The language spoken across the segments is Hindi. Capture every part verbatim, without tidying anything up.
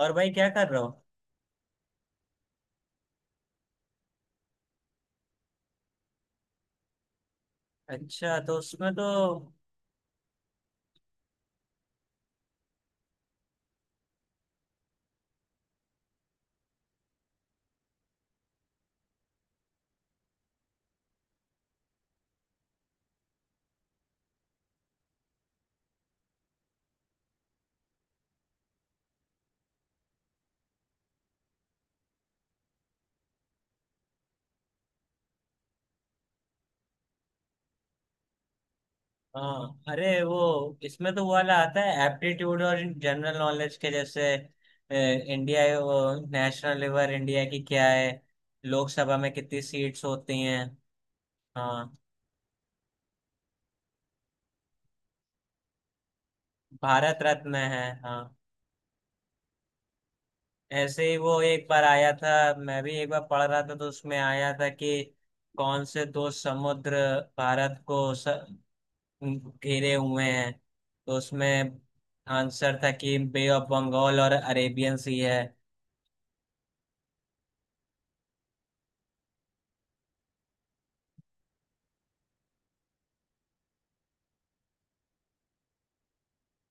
और भाई क्या कर रहे हो? अच्छा, तो उसमें तो हाँ, अरे वो इसमें तो वो वाला आता है एप्टीट्यूड और जनरल नॉलेज के जैसे ए, इंडिया, नेशनल लेवल इंडिया की क्या है, लोकसभा में कितनी सीट्स होती हैं। हाँ, भारत रत्न है हाँ। ऐसे ही वो एक बार आया था। मैं भी एक बार पढ़ रहा था तो उसमें आया था कि कौन से दो समुद्र भारत को स, घेरे हुए हैं, तो उसमें आंसर था कि बे ऑफ बंगाल और अरेबियन सी है।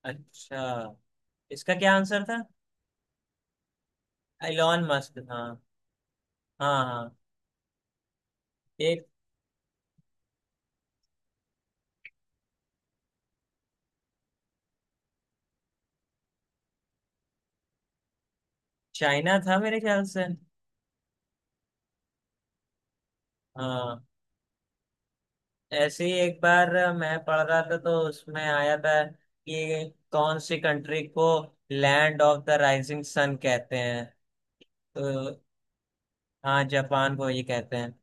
अच्छा, इसका क्या आंसर था? एलॉन मस्क, हाँ हाँ। हाँ, एक चाइना था मेरे ख्याल से। हाँ, ऐसे ही एक बार मैं पढ़ रहा था तो उसमें आया था कि कौन सी कंट्री को land of the rising sun कहते हैं, तो हाँ, जापान को ये कहते हैं।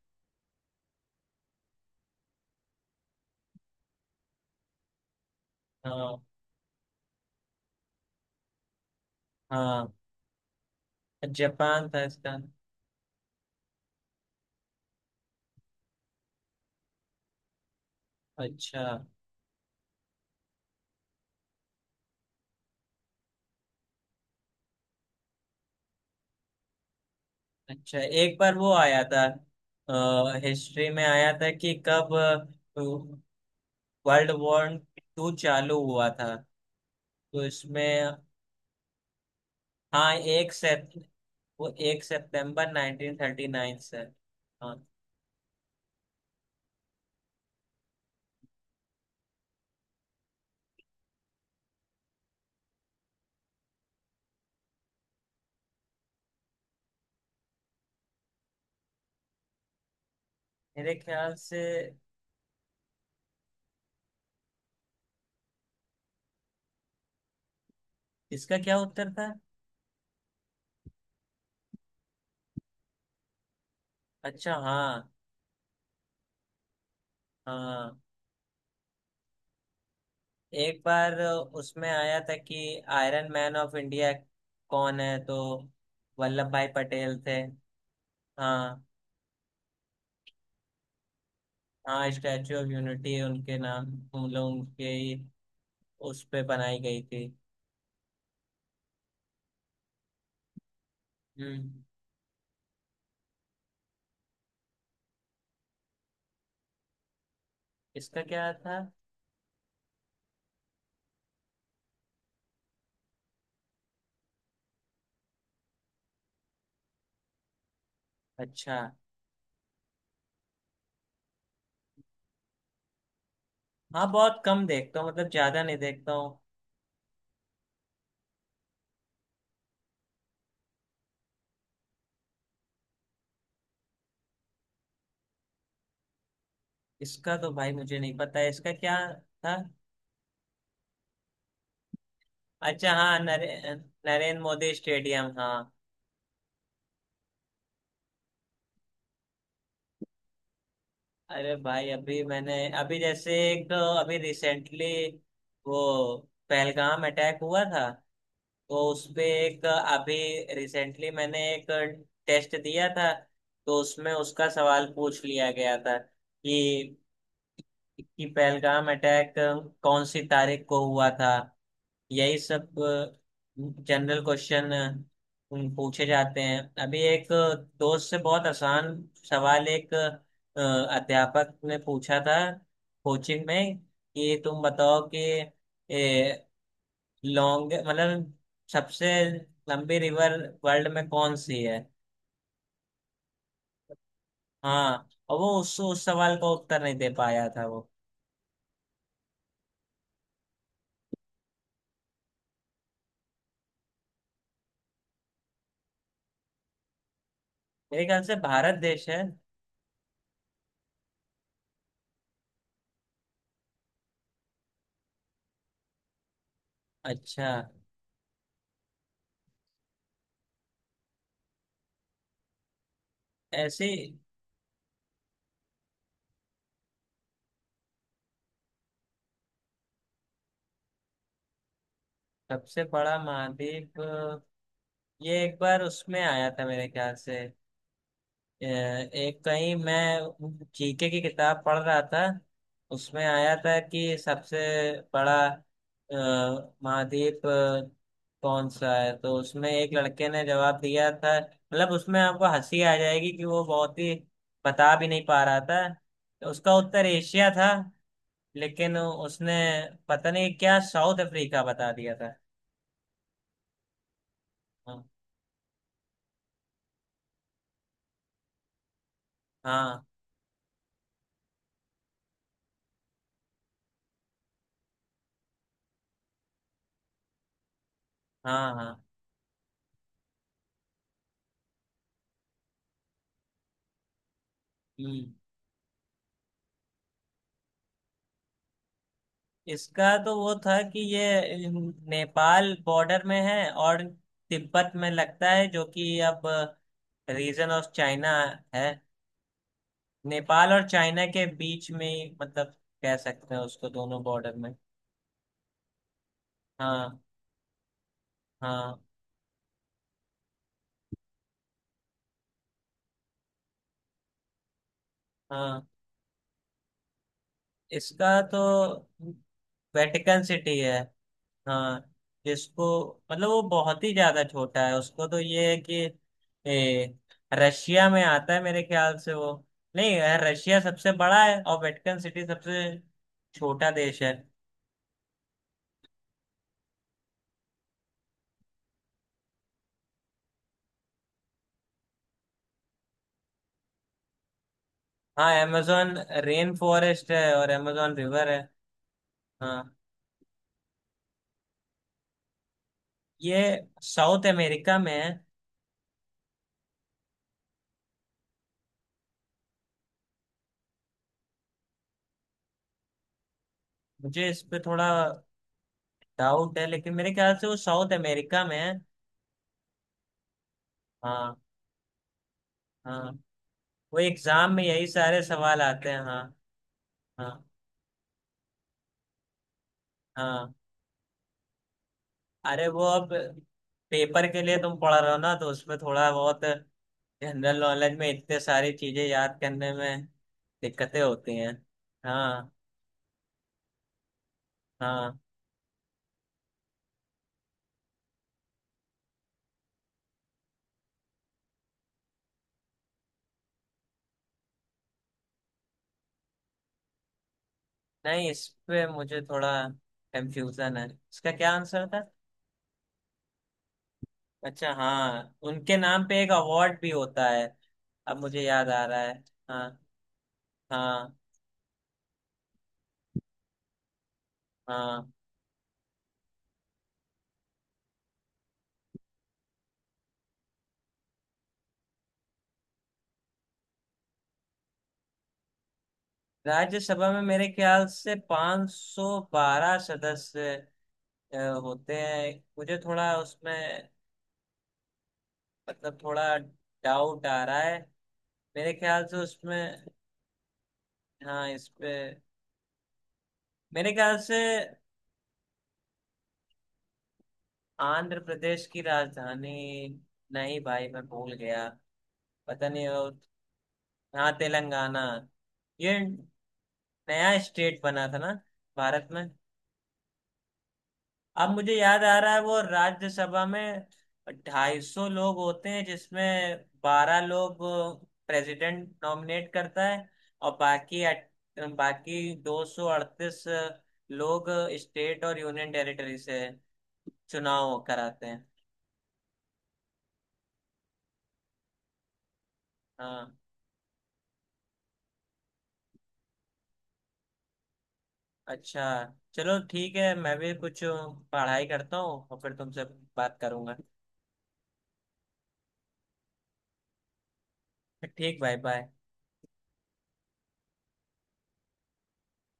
हाँ हाँ, जापान था इसका। अच्छा अच्छा, एक बार वो आया था, हिस्ट्री में आया था कि कब वर्ल्ड वॉर टू चालू हुआ था, तो इसमें हाँ, एक सेप वो एक सितंबर उन्नीस सौ उनतालीस से, हाँ। मेरे ख्याल से इसका क्या उत्तर था? अच्छा हाँ हाँ। एक बार उसमें आया था कि आयरन मैन ऑफ इंडिया कौन है, तो वल्लभ भाई पटेल थे। हाँ, हाँ स्टैचू ऑफ यूनिटी उनके नाम, उन लोग उनके ही उस पे बनाई गई थी। हम्म, इसका क्या था? अच्छा, हाँ बहुत कम देखता हूँ, मतलब ज्यादा नहीं देखता हूँ। इसका तो भाई मुझे नहीं पता है, इसका क्या था? अच्छा हाँ, नरे, नरेंद्र मोदी स्टेडियम हाँ। अरे भाई, अभी मैंने अभी जैसे एक अभी रिसेंटली वो पहलगाम अटैक हुआ था, तो उसपे एक अभी रिसेंटली मैंने एक टेस्ट दिया था, तो उसमें उसका सवाल पूछ लिया गया था कि कि पहलगाम अटैक कौन सी तारीख को हुआ था, यही सब जनरल क्वेश्चन पूछे जाते हैं। अभी एक दोस्त से बहुत आसान सवाल एक अ, अध्यापक ने पूछा था कोचिंग में कि तुम बताओ कि लॉन्ग मतलब सबसे लंबी रिवर वर्ल्ड में कौन सी है। हाँ, और वो उस उस सवाल का उत्तर नहीं दे पाया था वो। मेरे ख्याल से भारत देश है। अच्छा, ऐसी सबसे बड़ा महाद्वीप, ये एक बार उसमें आया था मेरे ख्याल से। अ, एक कहीं मैं जीके की किताब पढ़ रहा था, उसमें आया था कि सबसे बड़ा अ, महाद्वीप अ, कौन सा है, तो उसमें एक लड़के ने जवाब दिया था, मतलब उसमें आपको हंसी आ जाएगी कि वो बहुत ही बता भी नहीं पा रहा था, तो उसका उत्तर एशिया था, लेकिन उसने पता नहीं क्या साउथ अफ्रीका बता दिया था। हाँ हाँ। हाँ हाँ। हम्म। इसका तो वो था कि ये नेपाल बॉर्डर में है और तिब्बत में लगता है जो कि अब रीजन ऑफ चाइना है, नेपाल और चाइना के बीच में ही, मतलब कह सकते हैं उसको दोनों बॉर्डर में। हाँ हाँ। हाँ, इसका तो वेटिकन सिटी है। हाँ, जिसको मतलब वो बहुत ही ज्यादा छोटा है, उसको तो ये है कि ए, रशिया में आता है मेरे ख्याल से वो। नहीं, अ, रशिया सबसे बड़ा है और वेटिकन सिटी सबसे छोटा देश है। हाँ, amazon रेन फॉरेस्ट है और amazon रिवर है। हाँ, ये साउथ अमेरिका में है। मुझे इस पे थोड़ा डाउट है, लेकिन मेरे ख्याल से वो साउथ अमेरिका में है। हाँ हाँ। वो एग्जाम में यही सारे सवाल आते हैं, हाँ हाँ हाँ। अरे वो अब पेपर के लिए तुम पढ़ रहे हो ना, तो उसमें थोड़ा बहुत जनरल नॉलेज में इतने सारी चीजें याद करने में दिक्कतें होती हैं। हाँ हाँ। नहीं, इस पे मुझे थोड़ा कंफ्यूजन है, इसका क्या आंसर था? अच्छा, हाँ उनके नाम पे एक अवार्ड भी होता है, अब मुझे याद आ रहा है। हाँ हाँ। हाँ, राज्यसभा में मेरे ख्याल से पाँच सौ बारह सदस्य अ, होते हैं। मुझे थोड़ा उसमें मतलब थोड़ा डाउट आ रहा है, मेरे ख्याल से उसमें हाँ, इस पे मेरे ख्याल से आंध्र प्रदेश की राजधानी नहीं भाई, मैं भूल गया, पता नहीं। और हाँ, तेलंगाना, ये नया स्टेट बना था ना भारत में। अब मुझे याद आ रहा है वो राज्यसभा में ढाई सौ लोग होते हैं, जिसमें बारह लोग प्रेसिडेंट नॉमिनेट करता है, और बाकी अट- बाकी दो सौ अड़तीस लोग स्टेट और यूनियन टेरिटरी से चुनाव कराते हैं। हाँ, अच्छा, चलो ठीक है, मैं भी कुछ पढ़ाई करता हूँ और फिर तुमसे बात करूंगा। ठीक भाई, बाय।